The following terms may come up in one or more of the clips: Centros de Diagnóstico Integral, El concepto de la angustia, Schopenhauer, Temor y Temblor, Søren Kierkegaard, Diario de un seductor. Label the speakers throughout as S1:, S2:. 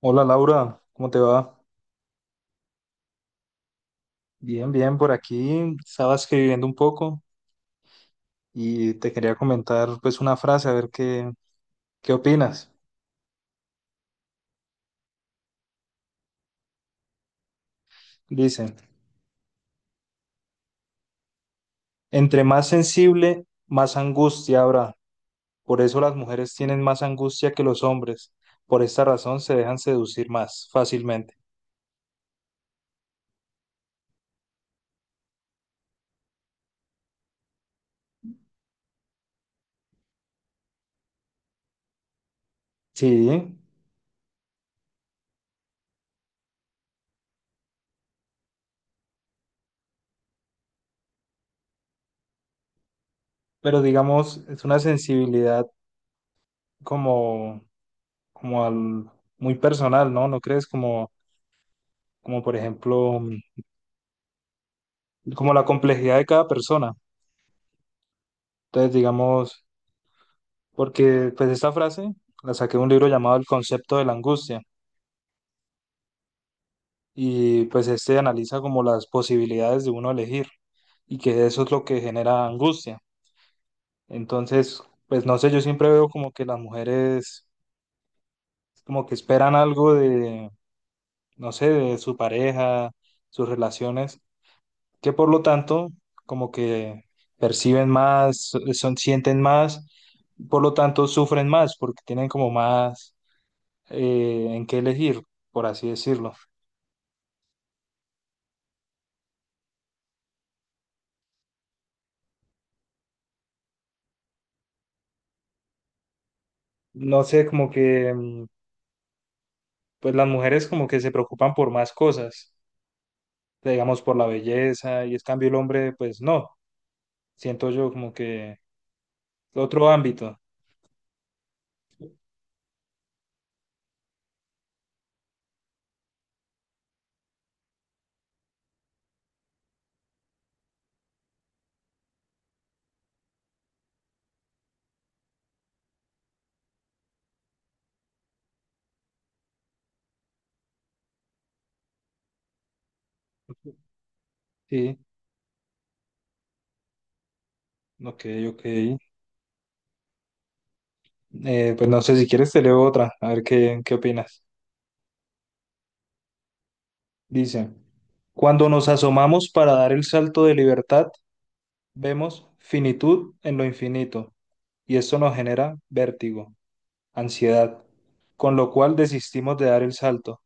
S1: Hola Laura, ¿cómo te va? Bien, bien, por aquí estaba escribiendo un poco y te quería comentar pues una frase, a ver qué opinas. Dice, entre más sensible, más angustia habrá. Por eso las mujeres tienen más angustia que los hombres. Por esta razón se dejan seducir más fácilmente. Sí, pero digamos, es una sensibilidad como, como al- muy personal, ¿no? ¿No crees? Como por ejemplo, como la complejidad de cada persona. Entonces, digamos, porque pues esta frase la saqué de un libro llamado El concepto de la angustia y pues este analiza como las posibilidades de uno elegir y que eso es lo que genera angustia. Entonces, pues no sé, yo siempre veo como que las mujeres como que esperan algo de, no sé, de su pareja, sus relaciones, que por lo tanto como que perciben más, sienten más, por lo tanto sufren más porque tienen como más en qué elegir, por así decirlo. No sé, como que, pues las mujeres como que se preocupan por más cosas, digamos, por la belleza, y es cambio el hombre, pues no, siento yo como que otro ámbito. Sí, ok, ok. Pues no sé, si quieres te leo otra, a ver qué opinas. Dice, cuando nos asomamos para dar el salto de libertad, vemos finitud en lo infinito, y esto nos genera vértigo, ansiedad, con lo cual desistimos de dar el salto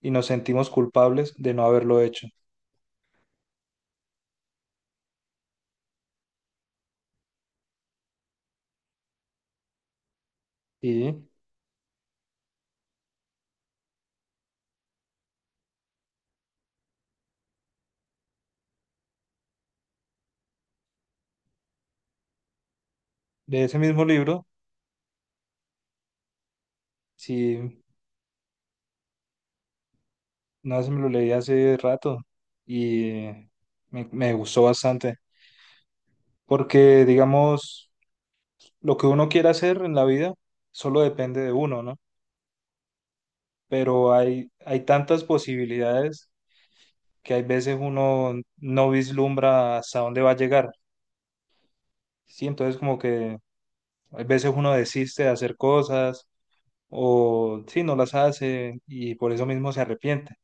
S1: y nos sentimos culpables de no haberlo hecho. Y de ese mismo libro, sí, una vez me lo leí hace rato y me gustó bastante, porque digamos, lo que uno quiere hacer en la vida solo depende de uno, ¿no? Pero hay tantas posibilidades que hay veces uno no vislumbra hasta dónde va a llegar, ¿sí? Entonces como que hay veces uno desiste de hacer cosas o sí, no las hace y por eso mismo se arrepiente,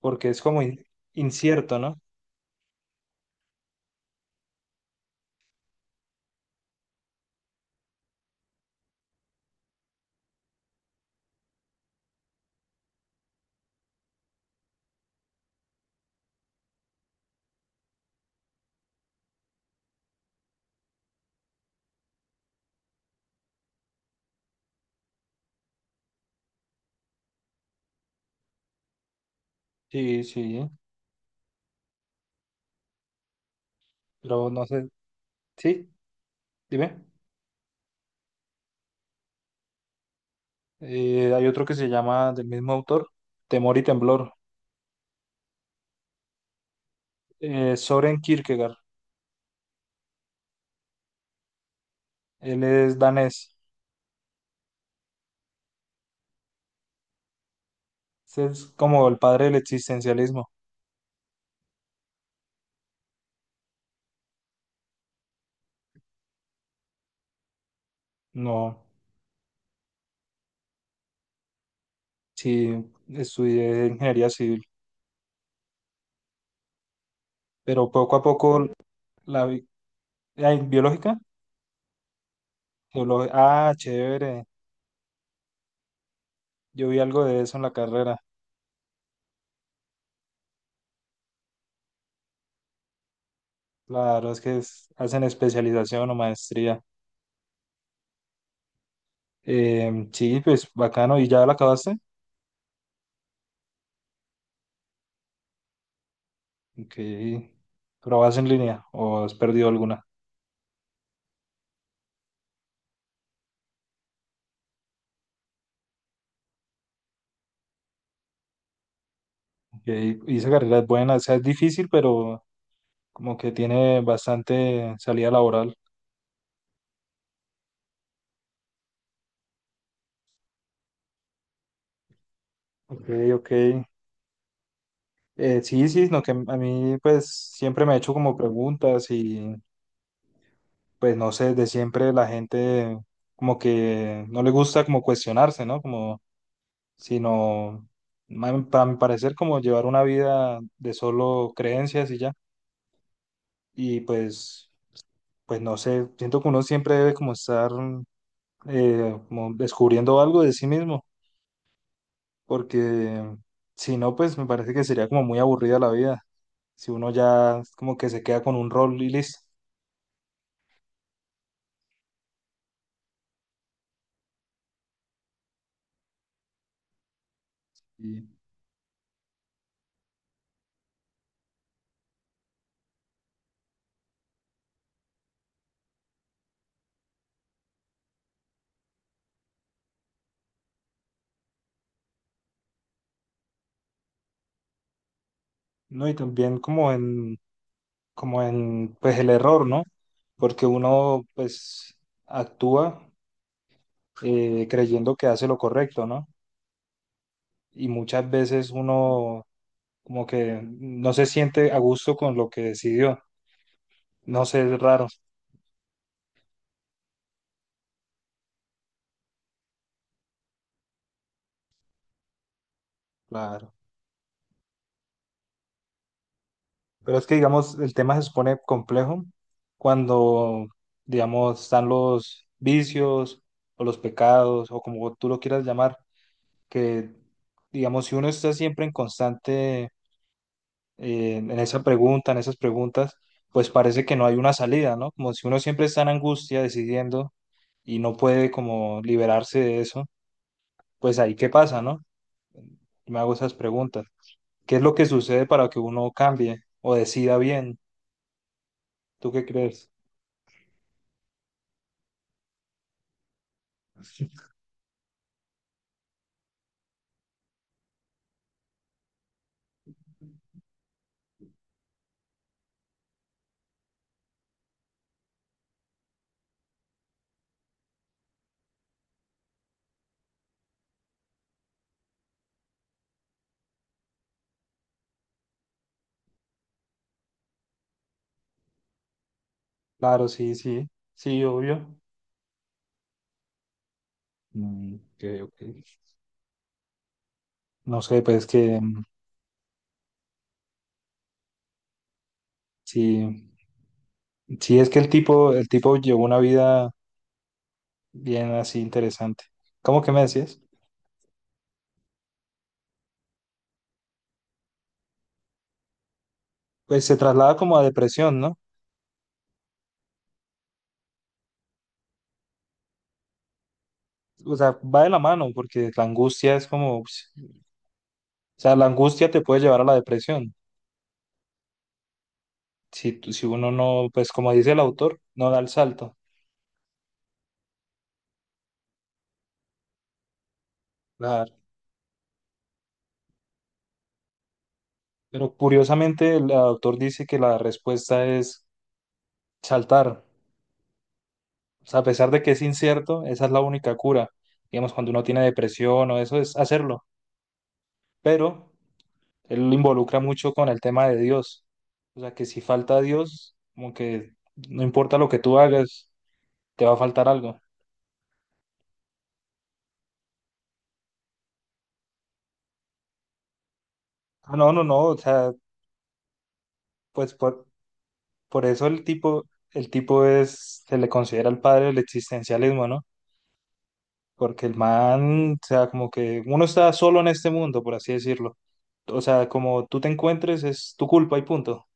S1: porque es incierto, ¿no? Sí, sí, pero no sé, sí, dime. Hay otro que se llama del mismo autor, Temor y Temblor, Soren Kierkegaard, él es danés. Ese es como el padre del existencialismo. No, sí, estudié ingeniería civil, pero poco a poco la vi- ay, biológica. Ah, chévere, yo vi algo de eso en la carrera. Claro, es que hacen especialización o maestría. Sí, pues bacano. ¿Y ya la acabaste? Ok. ¿Pero vas en línea o has perdido alguna? Ok, y esa carrera es buena, o sea, es difícil, pero como que tiene bastante salida laboral. Ok, ok. Sí, sí, no, que a mí pues siempre me he hecho como preguntas y pues no sé, de siempre la gente como que no le gusta como cuestionarse, ¿no? Como sino, para mi parecer, como llevar una vida de solo creencias y ya. Y pues, pues no sé, siento que uno siempre debe como estar como descubriendo algo de sí mismo, porque si no, pues me parece que sería como muy aburrida la vida, si uno ya como que se queda con un rol y listo. Y, no, y también como en, pues el error, ¿no? Porque uno pues actúa creyendo que hace lo correcto, ¿no? Y muchas veces uno como que no se siente a gusto con lo que decidió. No sé, es raro. Claro. Pero es que, digamos, el tema se supone complejo cuando, digamos, están los vicios o los pecados o como tú lo quieras llamar, que, digamos, si uno está siempre en constante, en esas preguntas, pues parece que no hay una salida, ¿no? Como si uno siempre está en angustia decidiendo y no puede como liberarse de eso pues ahí qué pasa, ¿no? Me hago esas preguntas. ¿Qué es lo que sucede para que uno cambie o decida bien? ¿Tú qué crees? Claro, sí, sí, sí, obvio. Mm, ok, ok. No sé, pues que mm, sí, sí es que el tipo llevó una vida bien así interesante. ¿Cómo que me decías? Pues se traslada como a depresión, ¿no? O sea, va de la mano porque la angustia es como, pues, o sea, la angustia te puede llevar a la depresión. Si uno no, pues como dice el autor, no da el salto. Claro. Pero curiosamente el autor dice que la respuesta es saltar. O sea, a pesar de que es incierto, esa es la única cura. Digamos, cuando uno tiene depresión o eso, es hacerlo. Pero él lo involucra mucho con el tema de Dios. O sea, que si falta Dios, como que no importa lo que tú hagas, te va a faltar algo. Ah, no, no, no. O sea, pues por, por eso el tipo es, se le considera el padre del existencialismo, ¿no? Porque el man, o sea, como que uno está solo en este mundo, por así decirlo. O sea, como tú te encuentres, es tu culpa y punto.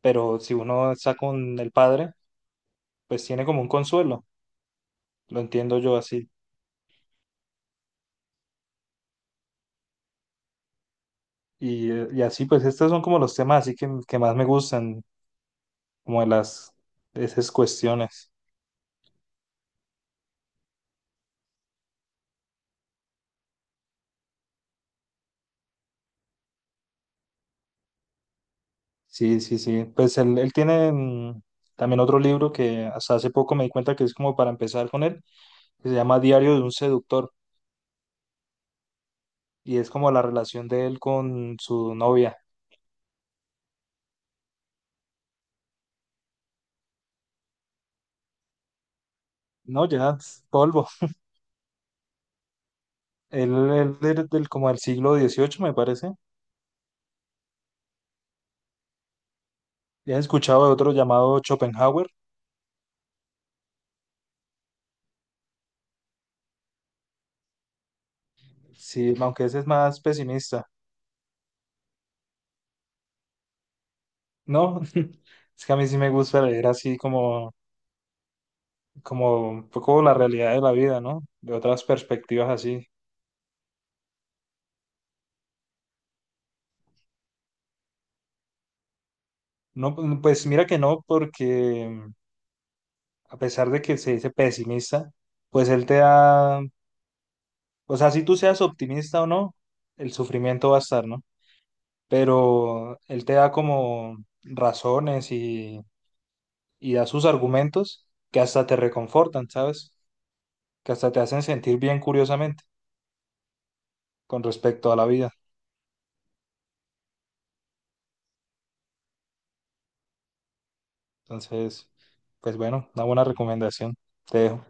S1: Pero si uno está con el padre, pues tiene como un consuelo. Lo entiendo yo así. Y así, pues estos son como los temas así que más me gustan, como de las, de esas cuestiones. Sí, sí, sí. Pues él tiene mm, también otro libro que hasta hace poco me di cuenta que es como para empezar con él, que se llama Diario de un seductor, y es como la relación de él con su novia. No, ya, es polvo. Él es como del siglo XVIII me parece. Ya he escuchado de otro llamado Schopenhauer, sí, aunque ese es más pesimista. No, es que a mí sí me gusta leer así como, como un poco la realidad de la vida, ¿no? De otras perspectivas así. No, pues mira que no, porque mm, a pesar de que se dice pesimista, pues él te da, o sea, si tú seas optimista o no, el sufrimiento va a estar, ¿no? Pero él te da como razones y da sus argumentos que hasta te reconfortan, ¿sabes? Que hasta te hacen sentir bien curiosamente con respecto a la vida. Entonces, pues bueno, una buena recomendación, te dejo.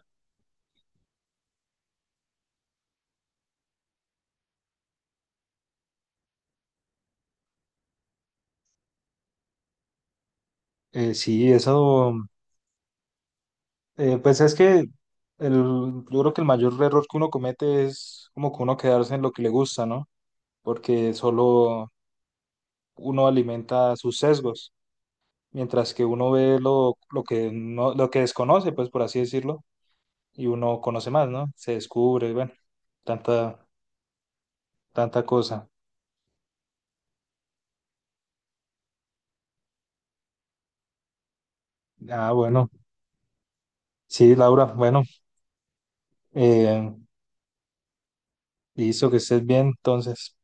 S1: Eh, sí, eso, pues es que el, yo creo que el mayor error que uno comete es como que uno quedarse en lo que le gusta, ¿no? Porque solo uno alimenta sus sesgos, mientras que uno ve lo que no, lo que desconoce, pues por así decirlo, y uno conoce más, ¿no? Se descubre, bueno, tanta, tanta cosa. Ah, bueno, sí, Laura, bueno, eh, listo, que estés bien, entonces.